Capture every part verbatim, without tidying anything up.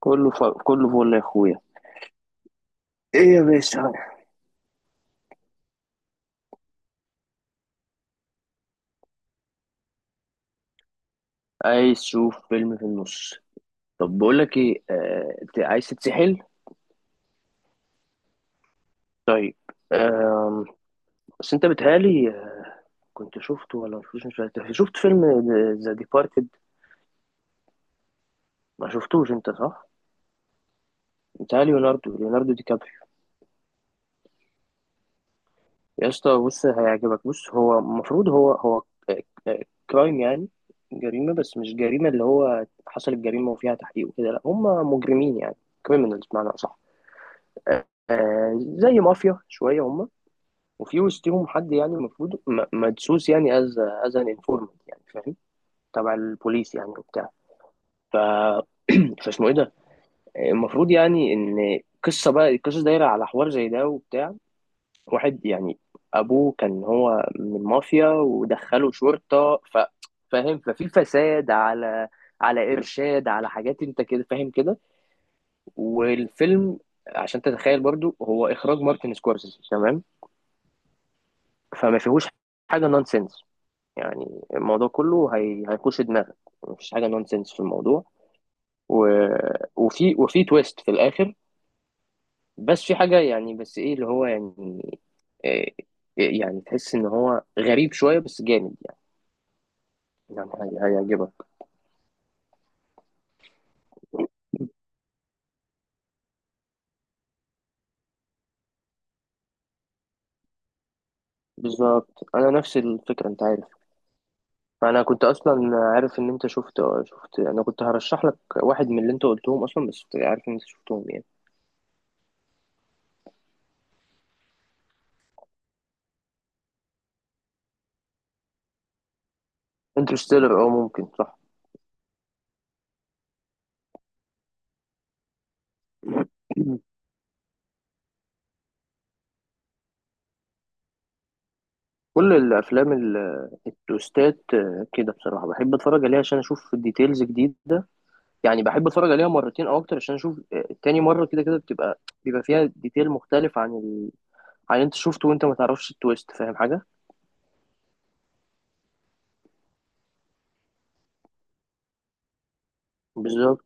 كله ف... كله فل يا اخويا. ايه يا باشا؟ عايز تشوف فيلم في النص؟ طب بقول لك ايه آه... ت- عايز تتسحل؟ طيب. آم... بس انت بتهيألي آه، كنت شفته ولا ما شفتوش، مش فاكر. شفت فيلم ذا ديبارتد؟ ما شفتوش انت، صح؟ بتهيألي ليوناردو ليوناردو دي كابريو. يا اسطى بص، هيعجبك. بص، هو المفروض هو هو كرايم يعني، جريمة. بس مش جريمة اللي هو حصلت جريمة وفيها تحقيق وكده، لا، هم مجرمين يعني، كريمنالز بمعنى أصح. آه، زي مافيا شويه هم، وفي وسطهم حد يعني المفروض م- مدسوس يعني، از از ان انفورمنت يعني، فاهم؟ تبع البوليس يعني وبتاع. ف فاسمه ايه ده؟ المفروض يعني ان قصه، بقى القصه دايره على حوار زي ده وبتاع. واحد يعني ابوه كان هو من المافيا ودخله شرطه. ف فاهم؟ ففي فساد على، على ارشاد، على حاجات، انت كده فاهم كده. والفيلم، عشان تتخيل برضو، هو اخراج مارتن سكورسيزي، تمام؟ فما فيهوش حاجه نونسنس يعني. الموضوع كله هي... هيخش دماغك. مفيش حاجه نونسنس في الموضوع. و... وفي وفي تويست في الاخر. بس في حاجه يعني، بس ايه اللي هو يعني، إيه، يعني تحس ان هو غريب شويه، بس جامد يعني. يعني هي... هيعجبك. بالظبط، انا نفس الفكره، انت عارف. فانا كنت اصلا عارف ان انت شفت شفت. انا كنت هرشح لك واحد من اللي انت قلتهم اصلا، بس عارف ان انت شفتهم يعني. انترستيلر، اه ممكن، صح. كل الافلام ال- التوستات آه، كده، بصراحه بحب اتفرج عليها عشان اشوف ديتيلز جديده. يعني بحب اتفرج عليها مرتين او اكتر عشان اشوف آه، تاني مره كده، كده بتبقى بيبقى فيها ديتيل مختلف عن ال... عن، انت شفته وانت ما تعرفش التويست، فاهم حاجه؟ بالظبط.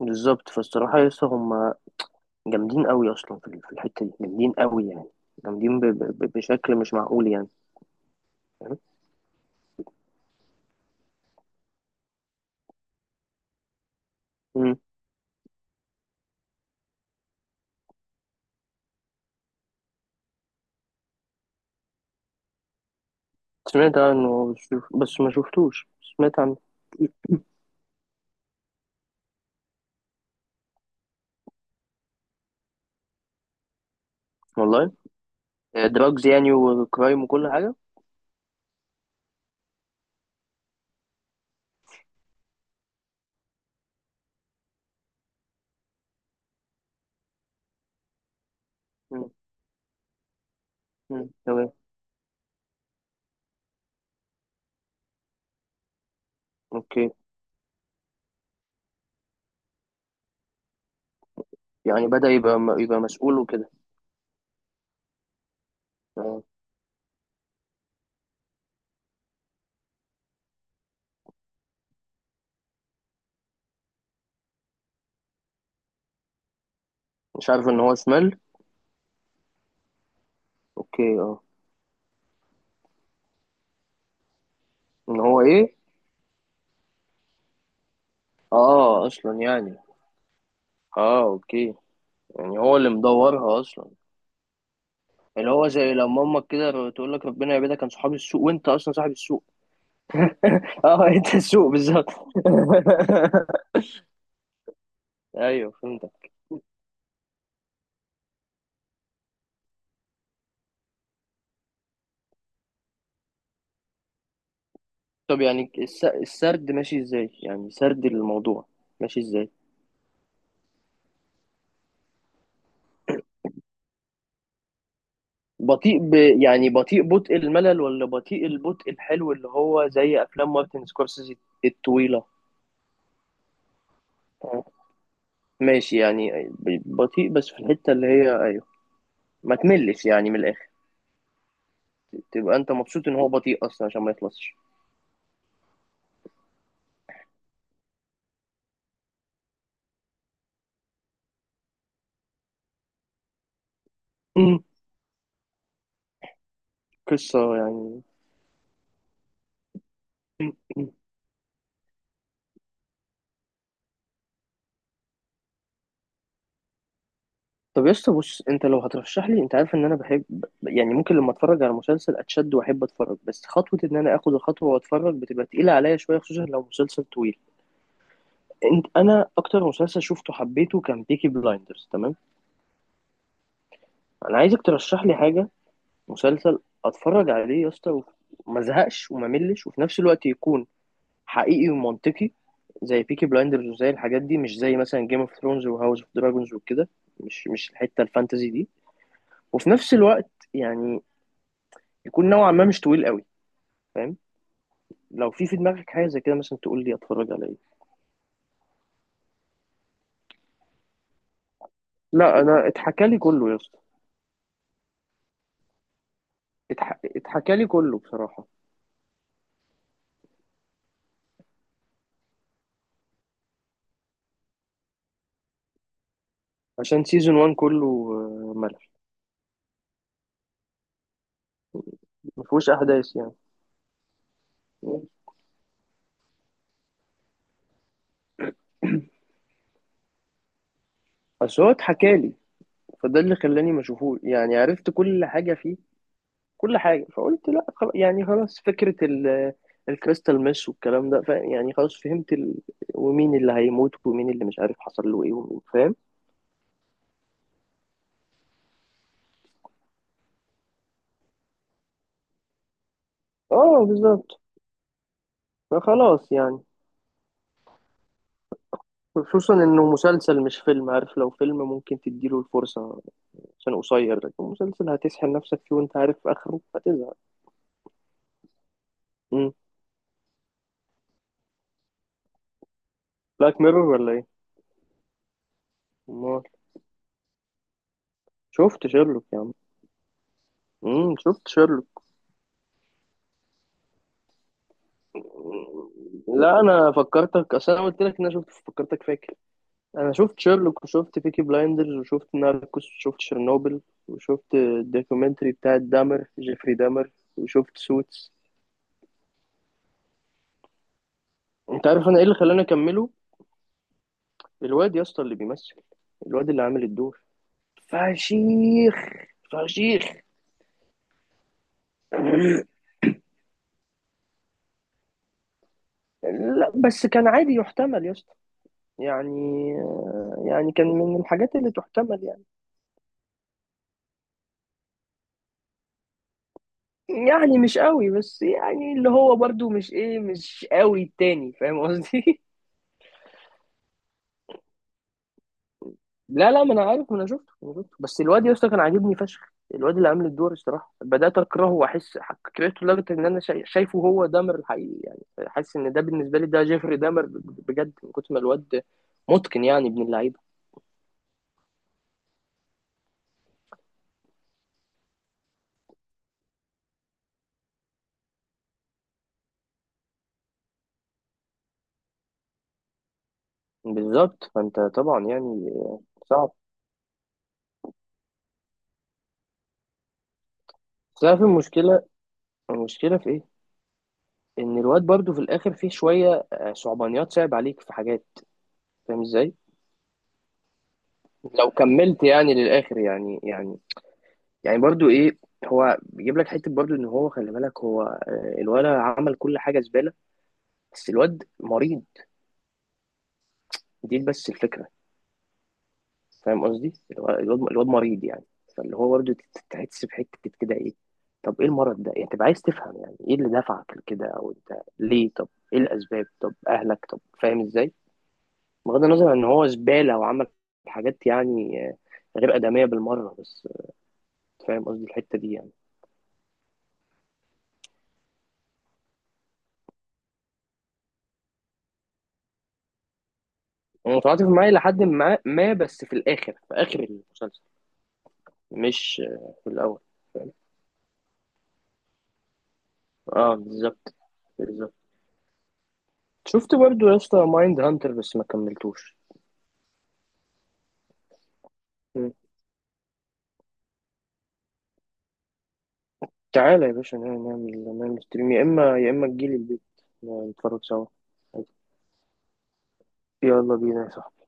بالظبط، فالصراحه لسه هم جامدين قوي اصلا في ال- في الحته دي، جامدين قوي يعني، جامدين ب... ب... ب- بشكل مش معقول يعني، فاهم؟ مم. سمعت عنه بس بس ما شفتوش، سمعت عنه. والله، دراجز يعني وكرايم وكل حاجه. مم. مم. تمام. اوكي. يعني بدأ يبقى م- يبقى مسؤول وكده. اه. مش عارف ان هو شمال. اوكي، اه. ان هو ايه؟ اه اصلا يعني، اه اوكي. يعني هو اللي مدورها اصلا، اللي هو زي لما امك كده تقول لك ربنا يبعدك، كان صحاب السوق، وانت اصلا صاحب السوق. اه، انت السوق بالظبط. ايوه فهمتك. طب يعني الس- السرد ماشي ازاي؟ يعني سرد الموضوع ماشي ازاي؟ بطيء ب... يعني بطيء، بطء الملل ولا بطيء، البطء الحلو اللي هو زي افلام مارتن سكورسيزي الطويله؟ آه. ماشي، يعني ب- بطيء بس في الحته اللي هي ايوه، ما تملش يعني من الاخر، تبقى انت مبسوط ان هو بطيء اصلا عشان ما يخلصش. مم. قصه يعني. مم. مم. طب يا اسطى بص، انت لو هترشح لي انت عارف ان انا بحب يعني ممكن لما اتفرج على مسلسل اتشد واحب اتفرج، بس خطوه ان انا اخد الخطوه واتفرج بتبقى تقيله عليا شويه، خصوصا لو مسلسل طويل. انت، انا اكتر مسلسل شفته حبيته كان بيكي بلايندرز، تمام؟ انا عايزك ترشح لي حاجه، مسلسل اتفرج عليه يا اسطى وما ازهقش وما ملش، وفي نفس الوقت يكون حقيقي ومنطقي، زي بيكي بلايندرز وزي الحاجات دي، مش زي مثلا جيم اوف ثرونز وهاوس اوف دراجونز وكده. مش مش الحته الفانتزي دي. وفي نفس الوقت يعني يكون نوعا ما مش طويل قوي، فاهم؟ لو في في دماغك حاجه زي كده مثلا، تقول لي اتفرج على ايه. لا انا اتحكى لي كله يا اسطى. اتح... اتحكى لي كله بصراحه. عشان سيزون واحد كله آه، ملل، ما فيهوش احداث يعني. بس هو اتحكالي، فده اللي خلاني ما اشوفوش يعني. عرفت كل حاجه فيه، كل حاجه، فقلت لا خلاص يعني، خلاص. فكره ال الكريستال ميس والكلام ده، ف يعني خلاص فهمت ال... ومين اللي هيموت ومين اللي مش عارف حصل له ايه ومين، فاهم؟ اه بالظبط. فخلاص يعني، خصوصا انه مسلسل مش فيلم، عارف؟ لو فيلم ممكن تديله الفرصة عشان قصير، لكن مسلسل هتسحل نفسك فيه وانت عارف اخره، هتزهق. امم. بلاك ميرور ولا؟ ايه؟ شفت شيرلوك يا عم. امم، شفت شيرلوك. لا انا فكرتك، اصل انا قلت لك ان انا شفت، فكرتك فاكر. انا شفت شيرلوك وشفت بيكي بلايندرز وشفت ناركوس وشفت شيرنوبل وشفت الدوكيومنتري بتاع دامر، جيفري دامر، وشفت سوتس. انت عارف انا ايه اللي خلاني اكمله؟ الواد يا اسطى اللي بيمثل، الواد اللي عامل الدور، فشيخ، فشيخ. لا بس كان عادي، يحتمل يا اسطى يعني. يعني كان من الحاجات اللي تحتمل يعني. يعني مش قوي، بس يعني اللي هو برضو مش ايه، مش قوي التاني، فاهم قصدي؟ لا لا ما انا عارف، ما انا شفته، ما أنا شفته. بس الواد يا اسطى كان عاجبني فشخ، الواد اللي عامل الدور الصراحه بدات اكرهه واحس، حك- كرهته لدرجه ان انا شا- شايفه هو دامر الحقيقي يعني، حاسس ان ده بالنسبه لي ده جيفري دامر ب- ب- بجد، من كتر ما الواد متقن يعني، ابن اللعيبه. بالظبط، فانت طبعا يعني صعب. تعرف المشكله، المشكله في ايه؟ ان الواد برضو في الاخر فيه شويه آه، صعبانيات، صعب عليك في حاجات، فاهم ازاي؟ لو كملت يعني للاخر يعني، يعني يعني برضو ايه، هو بيجيب لك حته برضو ان هو خلي بالك، هو آه، الولد عمل كل حاجه زباله، بس الواد مريض، دي بس الفكره. فاهم قصدي؟ الو- الواد الواد مريض يعني، فاللي هو برضو تت- تحس بحته كده ايه، طب ايه المرض ده يعني، تبقى عايز تفهم يعني ايه اللي دفعك لكده، او انت ليه، طب ايه الاسباب، طب اهلك، طب فاهم ازاي، بغض النظر عن ان هو زباله وعمل حاجات يعني آه، غير ادميه بالمره. بس آه، فاهم قصدي الحته دي يعني. متعاطف معاه لحد ما، ما بس في الاخر، في اخر المسلسل، مش في الاول. اه بالظبط. بالظبط. شفت برضو يا اسطى مايند هانتر؟ بس ما كملتوش. مم. تعالى يا باشا، نعمل نعمل نعمل ستريم، يا اما يا اما تجيلي البيت نتفرج سوا. يلا بينا يا صاحبي.